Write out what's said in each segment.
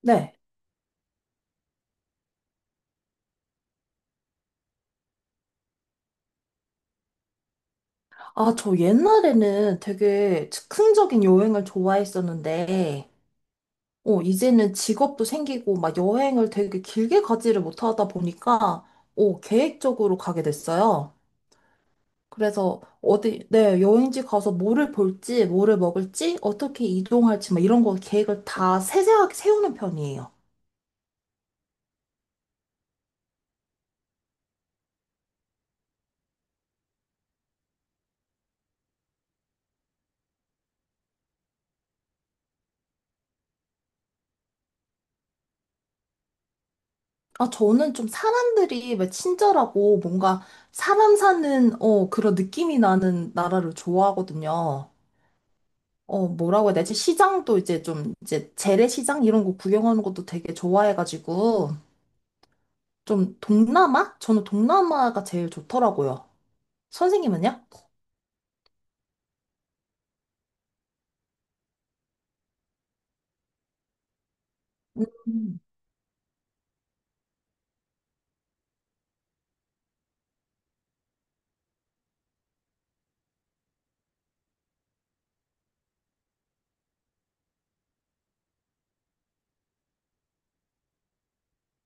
네. 아, 저 옛날에는 되게 즉흥적인 여행을 좋아했었는데, 이제는 직업도 생기고, 막 여행을 되게 길게 가지를 못하다 보니까, 계획적으로 가게 됐어요. 그래서 어디, 네, 여행지 가서 뭐를 볼지, 뭐를 먹을지, 어떻게 이동할지, 막 이런 거 계획을 다 세세하게 세우는 편이에요. 아, 저는 좀 사람들이 왜 친절하고, 뭔가 사람 사는, 그런 느낌이 나는 나라를 좋아하거든요. 어, 뭐라고 해야 되지? 시장도 이제 좀, 이제 재래시장 이런 거 구경하는 것도 되게 좋아해가지고, 좀 동남아? 저는 동남아가 제일 좋더라고요. 선생님은요? 음.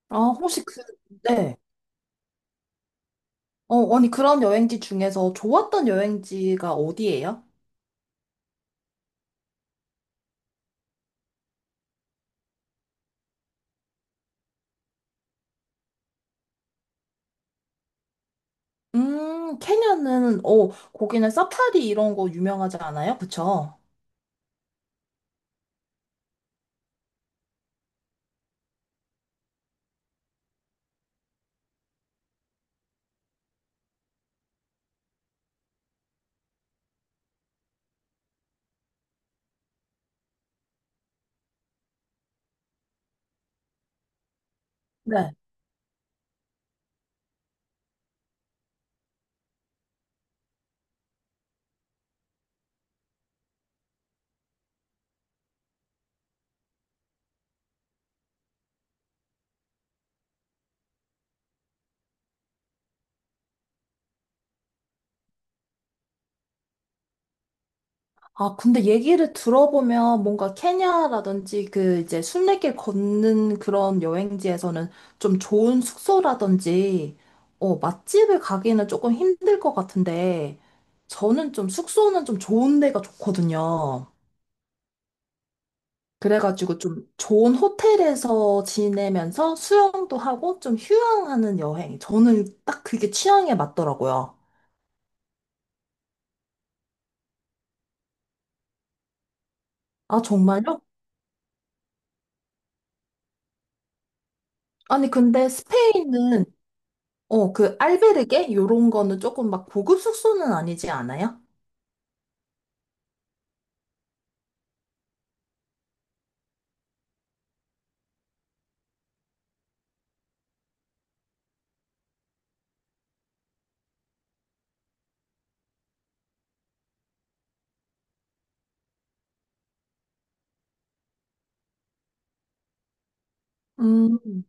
아, 혹시 그, 네. 어, 아니, 그런 여행지 중에서 좋았던 여행지가 어디예요? 케냐는, 거기는 사파리 이런 거 유명하지 않아요? 그쵸? 네. 아, 근데 얘기를 들어보면 뭔가 케냐라든지 그 이제 순례길 걷는 그런 여행지에서는 좀 좋은 숙소라든지, 맛집을 가기는 조금 힘들 것 같은데, 저는 좀 숙소는 좀 좋은 데가 좋거든요. 그래가지고 좀 좋은 호텔에서 지내면서 수영도 하고 좀 휴양하는 여행. 저는 딱 그게 취향에 맞더라고요. 아, 정말요? 아니, 근데 스페인은 그 알베르게 요런 거는 조금 막 고급 숙소는 아니지 않아요? 음,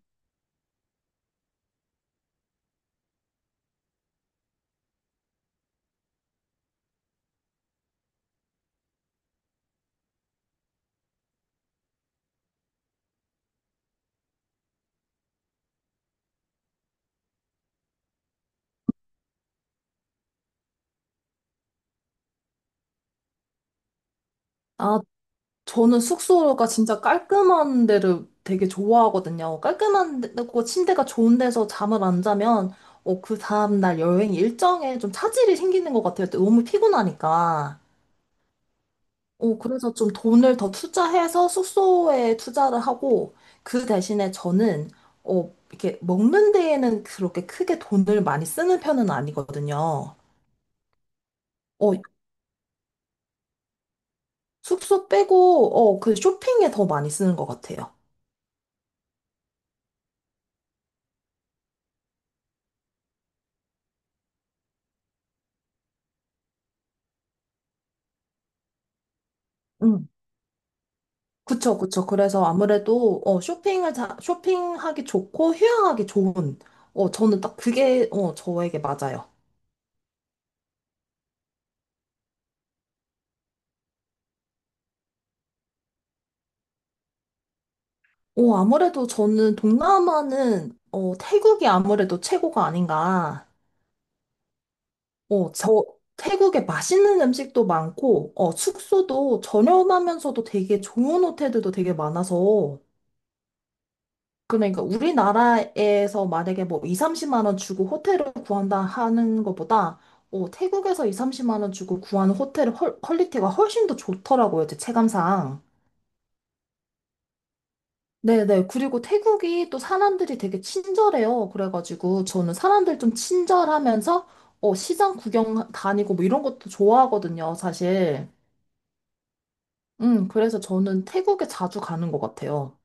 아, 저는 숙소가 진짜 깔끔한 데를 되게 좋아하거든요. 깔끔한 데고 침대가 좋은 데서 잠을 안 자면 그 다음날 여행 일정에 좀 차질이 생기는 것 같아요. 너무 피곤하니까. 그래서 좀 돈을 더 투자해서 숙소에 투자를 하고 그 대신에 저는 이렇게 먹는 데에는 그렇게 크게 돈을 많이 쓰는 편은 아니거든요. 어, 숙소 빼고, 그 쇼핑에 더 많이 쓰는 것 같아요. 응. 그쵸, 그쵸. 그래서 아무래도, 쇼핑을, 자, 쇼핑하기 좋고, 휴양하기 좋은, 저는 딱 그게, 저에게 맞아요. 어, 아무래도 저는 동남아는, 태국이 아무래도 최고가 아닌가. 어, 저, 태국에 맛있는 음식도 많고, 숙소도 저렴하면서도 되게 좋은 호텔들도 되게 많아서, 그러니까 우리나라에서 만약에 뭐 2, 30만 원 주고 호텔을 구한다 하는 것보다 태국에서 2, 30만 원 주고 구하는 호텔의 퀄리티가 훨씬 더 좋더라고요, 제 체감상. 네네. 그리고 태국이 또 사람들이 되게 친절해요. 그래가지고 저는 사람들 좀 친절하면서 시장 구경 다니고 뭐 이런 것도 좋아하거든요, 사실. 그래서 저는 태국에 자주 가는 것 같아요.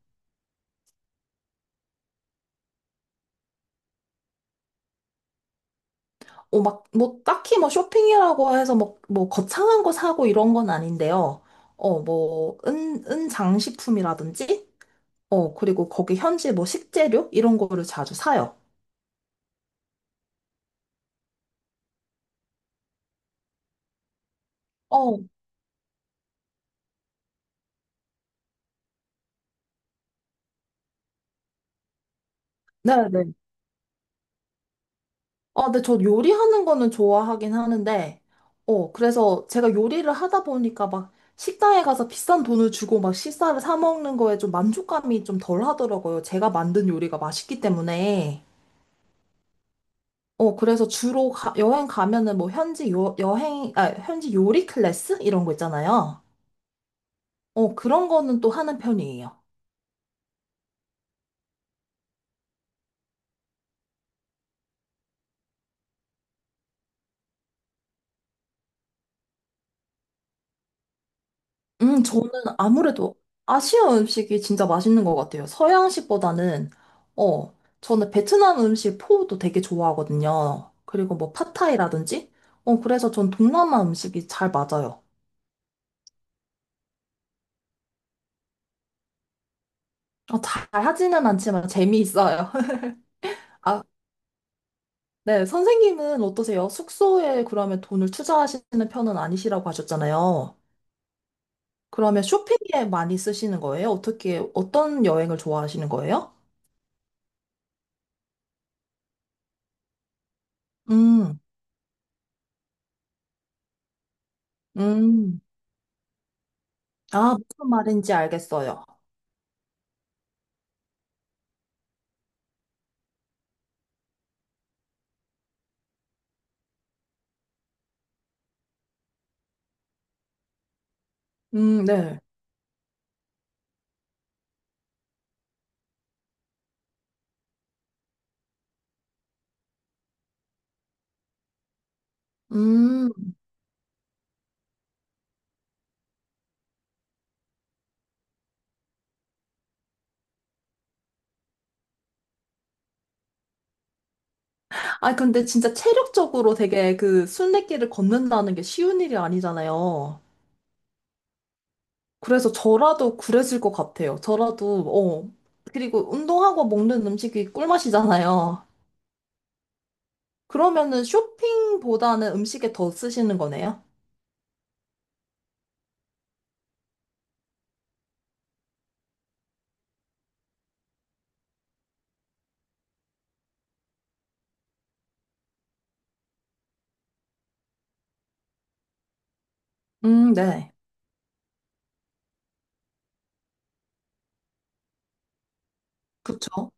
딱히 뭐 쇼핑이라고 해서 거창한 거 사고 이런 건 아닌데요. 은 장식품이라든지, 그리고 거기 현지 뭐 식재료? 이런 거를 자주 사요. 어, 네네. 아, 근데 저 요리하는 거는 좋아하긴 하는데, 그래서 제가 요리를 하다 보니까 막 식당에 가서 비싼 돈을 주고 막 식사를 사 먹는 거에 좀 만족감이 좀 덜 하더라고요. 제가 만든 요리가 맛있기 때문에. 그래서 주로 여행 가면은 뭐 현지 요, 여행, 아, 현지 요리 클래스? 이런 거 있잖아요. 그런 거는 또 하는 편이에요. 저는 아무래도 아시아 음식이 진짜 맛있는 것 같아요. 서양식보다는, 어, 저는 베트남 음식 포도 되게 좋아하거든요. 그리고 뭐 팟타이라든지? 그래서 전 동남아 음식이 잘 맞아요. 어, 잘 하지는 않지만 재미있어요. 아, 네, 선생님은 어떠세요? 숙소에 그러면 돈을 투자하시는 편은 아니시라고 하셨잖아요. 그러면 쇼핑에 많이 쓰시는 거예요? 어떻게, 어떤 여행을 좋아하시는 거예요? 음, 음. 아, 무슨 말인지 알겠어요. 네. 음. 아, 근데 진짜 체력적으로 되게 그 순례길을 걷는다는 게 쉬운 일이 아니잖아요. 그래서 저라도 그랬을 것 같아요. 저라도, 어. 그리고 운동하고 먹는 음식이 꿀맛이잖아요. 그러면은 쇼핑보다는 음식에 더 쓰시는 거네요? 네. 그쵸.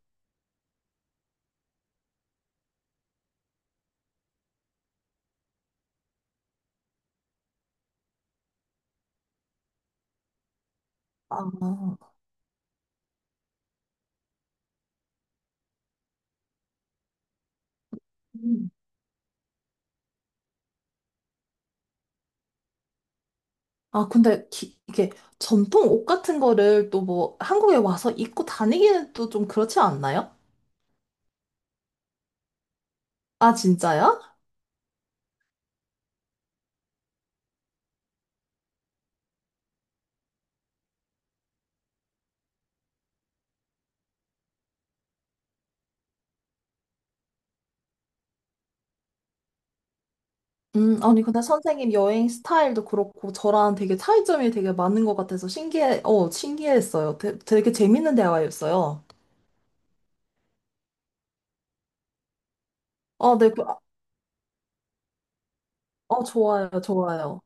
아, 음. 아, 근데 이게 전통 옷 같은 거를 또 뭐 한국에 와서 입고 다니기는 또 좀 그렇지 않나요? 아, 진짜요? 아니, 근데 선생님 여행 스타일도 그렇고 저랑 되게 차이점이 되게 많은 것 같아서 신기했어요. 되게 재밌는 대화였어요. 아, 네, 그, 아, 좋아요, 좋아요.